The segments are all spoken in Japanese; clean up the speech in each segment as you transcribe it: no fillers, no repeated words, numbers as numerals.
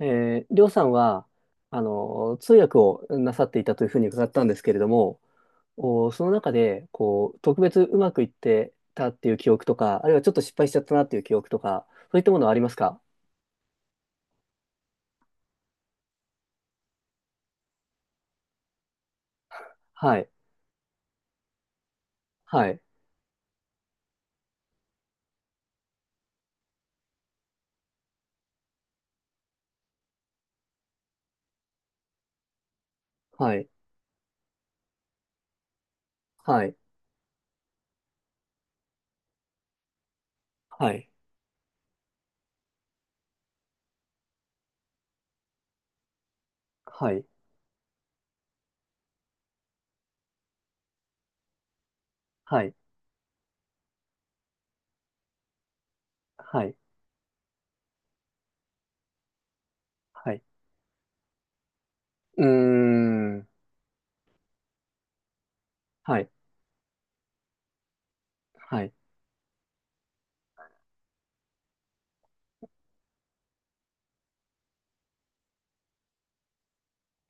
りょうさんは、通訳をなさっていたというふうに伺ったんですけれども、その中で、こう、特別うまくいってたっていう記憶とか、あるいはちょっと失敗しちゃったなっていう記憶とか、そういったものはありますか？はい、はい、はい、はい、はい、はい、はい、はい、はい。うーん、はい、はい、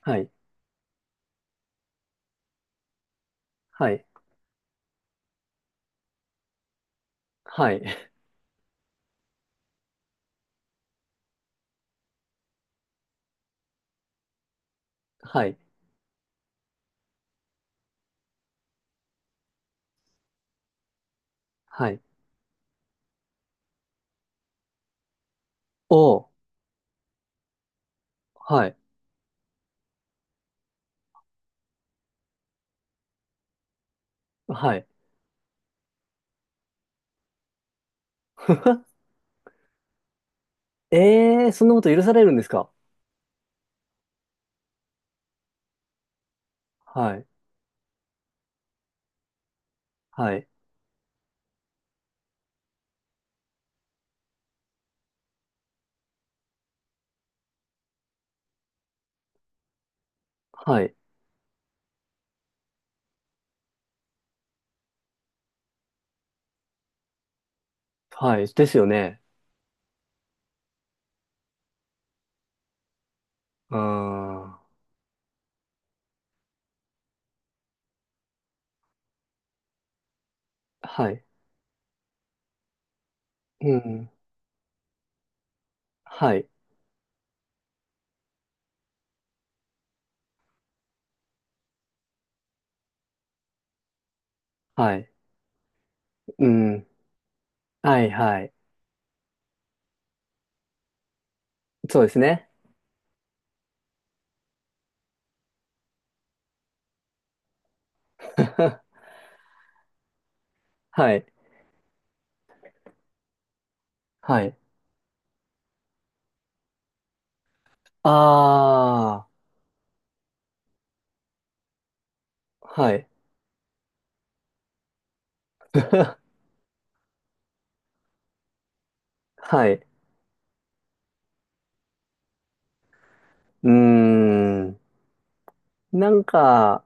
はい、はい、はい、はい、はい。おー、はい、はい。ええー、そんなこと許されるんですか？はい。はい。はい。はい。ですよね。ああ。はい。うん。はい。はい。うん。はい、はい。そうですね。はい。はい。ああ。はい。はい。うーん。なんか、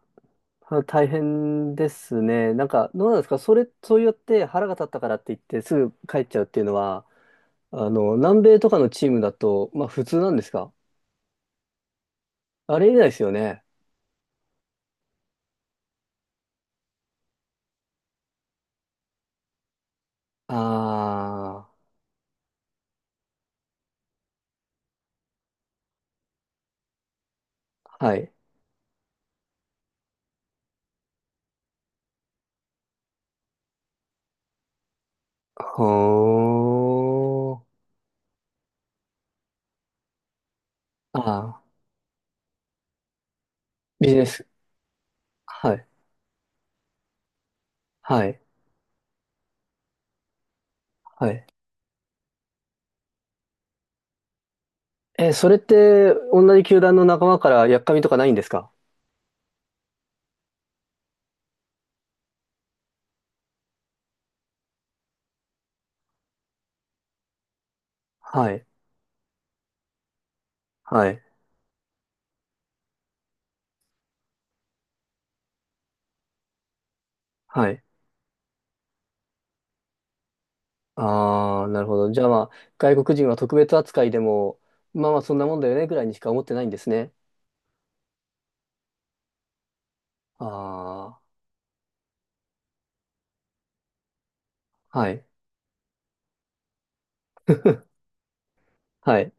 あ大変ですね。なんか、どうなんですかそれ、そうやって腹が立ったからって言ってすぐ帰っちゃうっていうのは、南米とかのチームだと、まあ普通なんですか？あれ以来ですよね。ああ。はい。ほーああ、ビジネス。はい。はい。はい。え、それって、同じ球団の仲間から、やっかみとかないんですか？はい。はい。はい。ああ、なるほど。じゃあまあ、外国人は特別扱いでも、まあまあ、そんなもんだよね、ぐらいにしか思ってないんですね。ああ、はい。はい。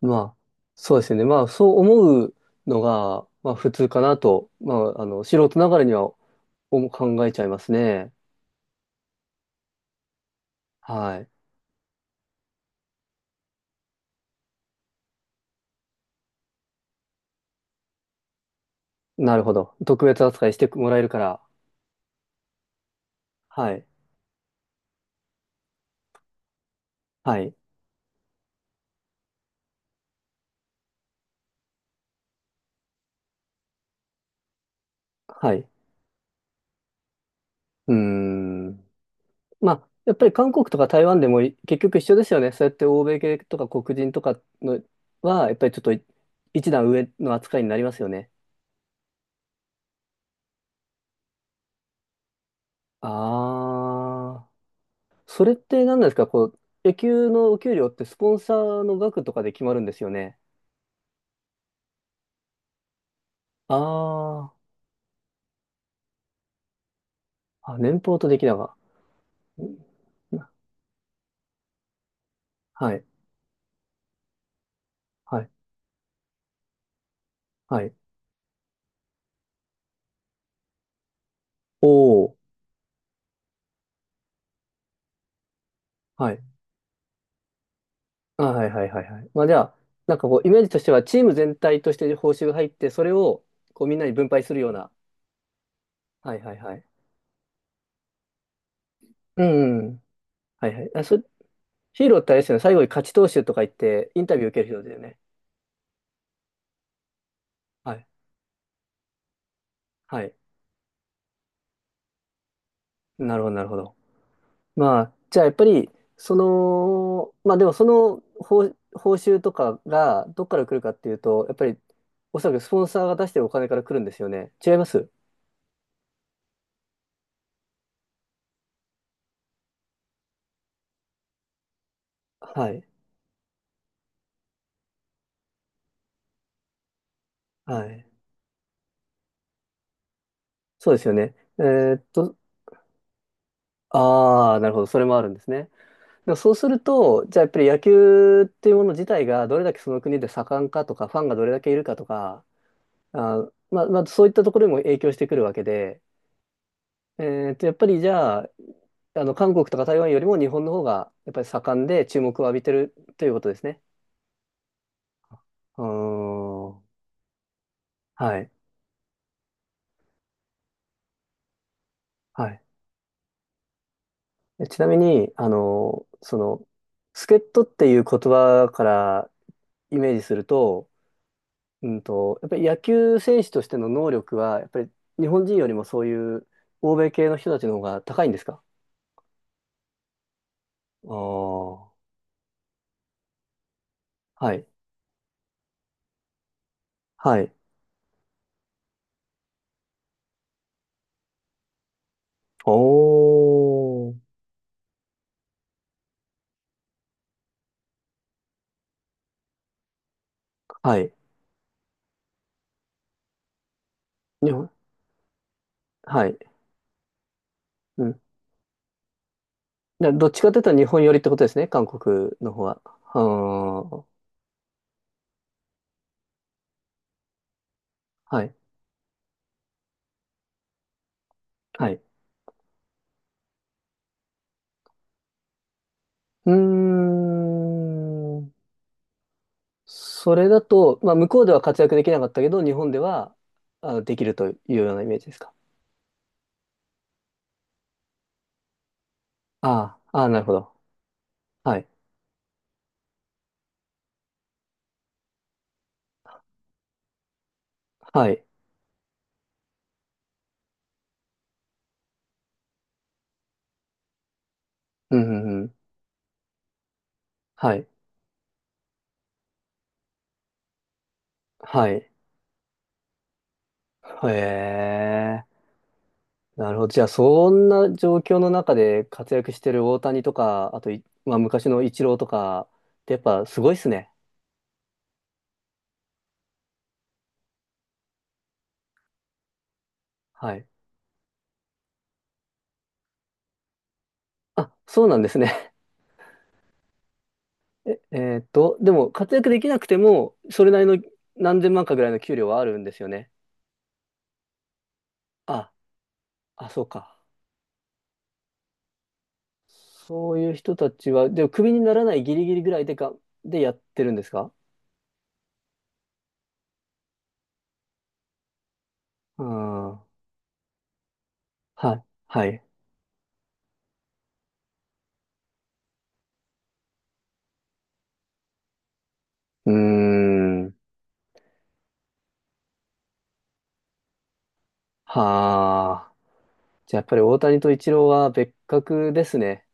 まあ、そうですよね。まあ、そう思うのが、まあ、普通かなと、まあ、素人ながらには思考えちゃいますね。はい。なるほど。特別扱いしてもらえるから。はい。はい。はい。うーん。まあ、やっぱり韓国とか台湾でも結局一緒ですよね。そうやって欧米系とか黒人とかのは、やっぱりちょっと一段上の扱いになりますよね。あー。それって何なんですか、こう、野球のお給料ってスポンサーの額とかで決まるんですよね？あー。あ、年俸と出来高。うん、はい。はい。はい。おお、はい。あ、はい、はい、はい、はい。まあじゃあ、なんかこう、イメージとしては、チーム全体として報酬が入って、それを、こう、みんなに分配するような。はい、はい、はい。うん。はい、はい。あ、ヒーローってあれですよね。最後に勝ち投手とか言って、インタビュー受ける人だよね。はい。はい。なるほど、なるほど。まあ、じゃあやっぱり、まあでもその報酬とかが、どっから来るかっていうと、やっぱり、おそらくスポンサーが出してるお金から来るんですよね。違います？はい。はい。そうですよね。ああ、なるほど。それもあるんですね。でもそうすると、じゃあやっぱり野球っていうもの自体がどれだけその国で盛んかとか、ファンがどれだけいるかとか、あー、まあ、まあ、そういったところにも影響してくるわけで、えやっぱりじゃあ、韓国とか台湾よりも日本の方がやっぱり盛んで注目を浴びてるということですね。うーん。はい。はい。ちなみに、助っ人っていう言葉からイメージすると、やっぱり野球選手としての能力は、やっぱり日本人よりもそういう欧米系の人たちの方が高いんですか？ああ、はい、はい。おー、はい。日本、はい。うん。どっちかというと日本寄りってことですね、韓国の方は。あー、はい、はい。うーん。それだと、まあ、向こうでは活躍できなかったけど、日本では、あ、できるというようなイメージですか？ああ、ああ、なるほど。はい。はい。うん、うん、うん。はい。はい。へえ。なるほど。じゃあ、そんな状況の中で活躍してる大谷とか、あとまあ、昔のイチローとかってやっぱすごいっすね。はい。あ、そうなんですね。え、えーっと、でも活躍できなくても、それなりの何千万かぐらいの給料はあるんですよね。あ、あ、そうか。そういう人たちは、でもクビにならないギリギリぐらいでやってるんですか？うん。はい。はい。うーん。はあ。じゃあやっぱり大谷とイチローは別格ですね。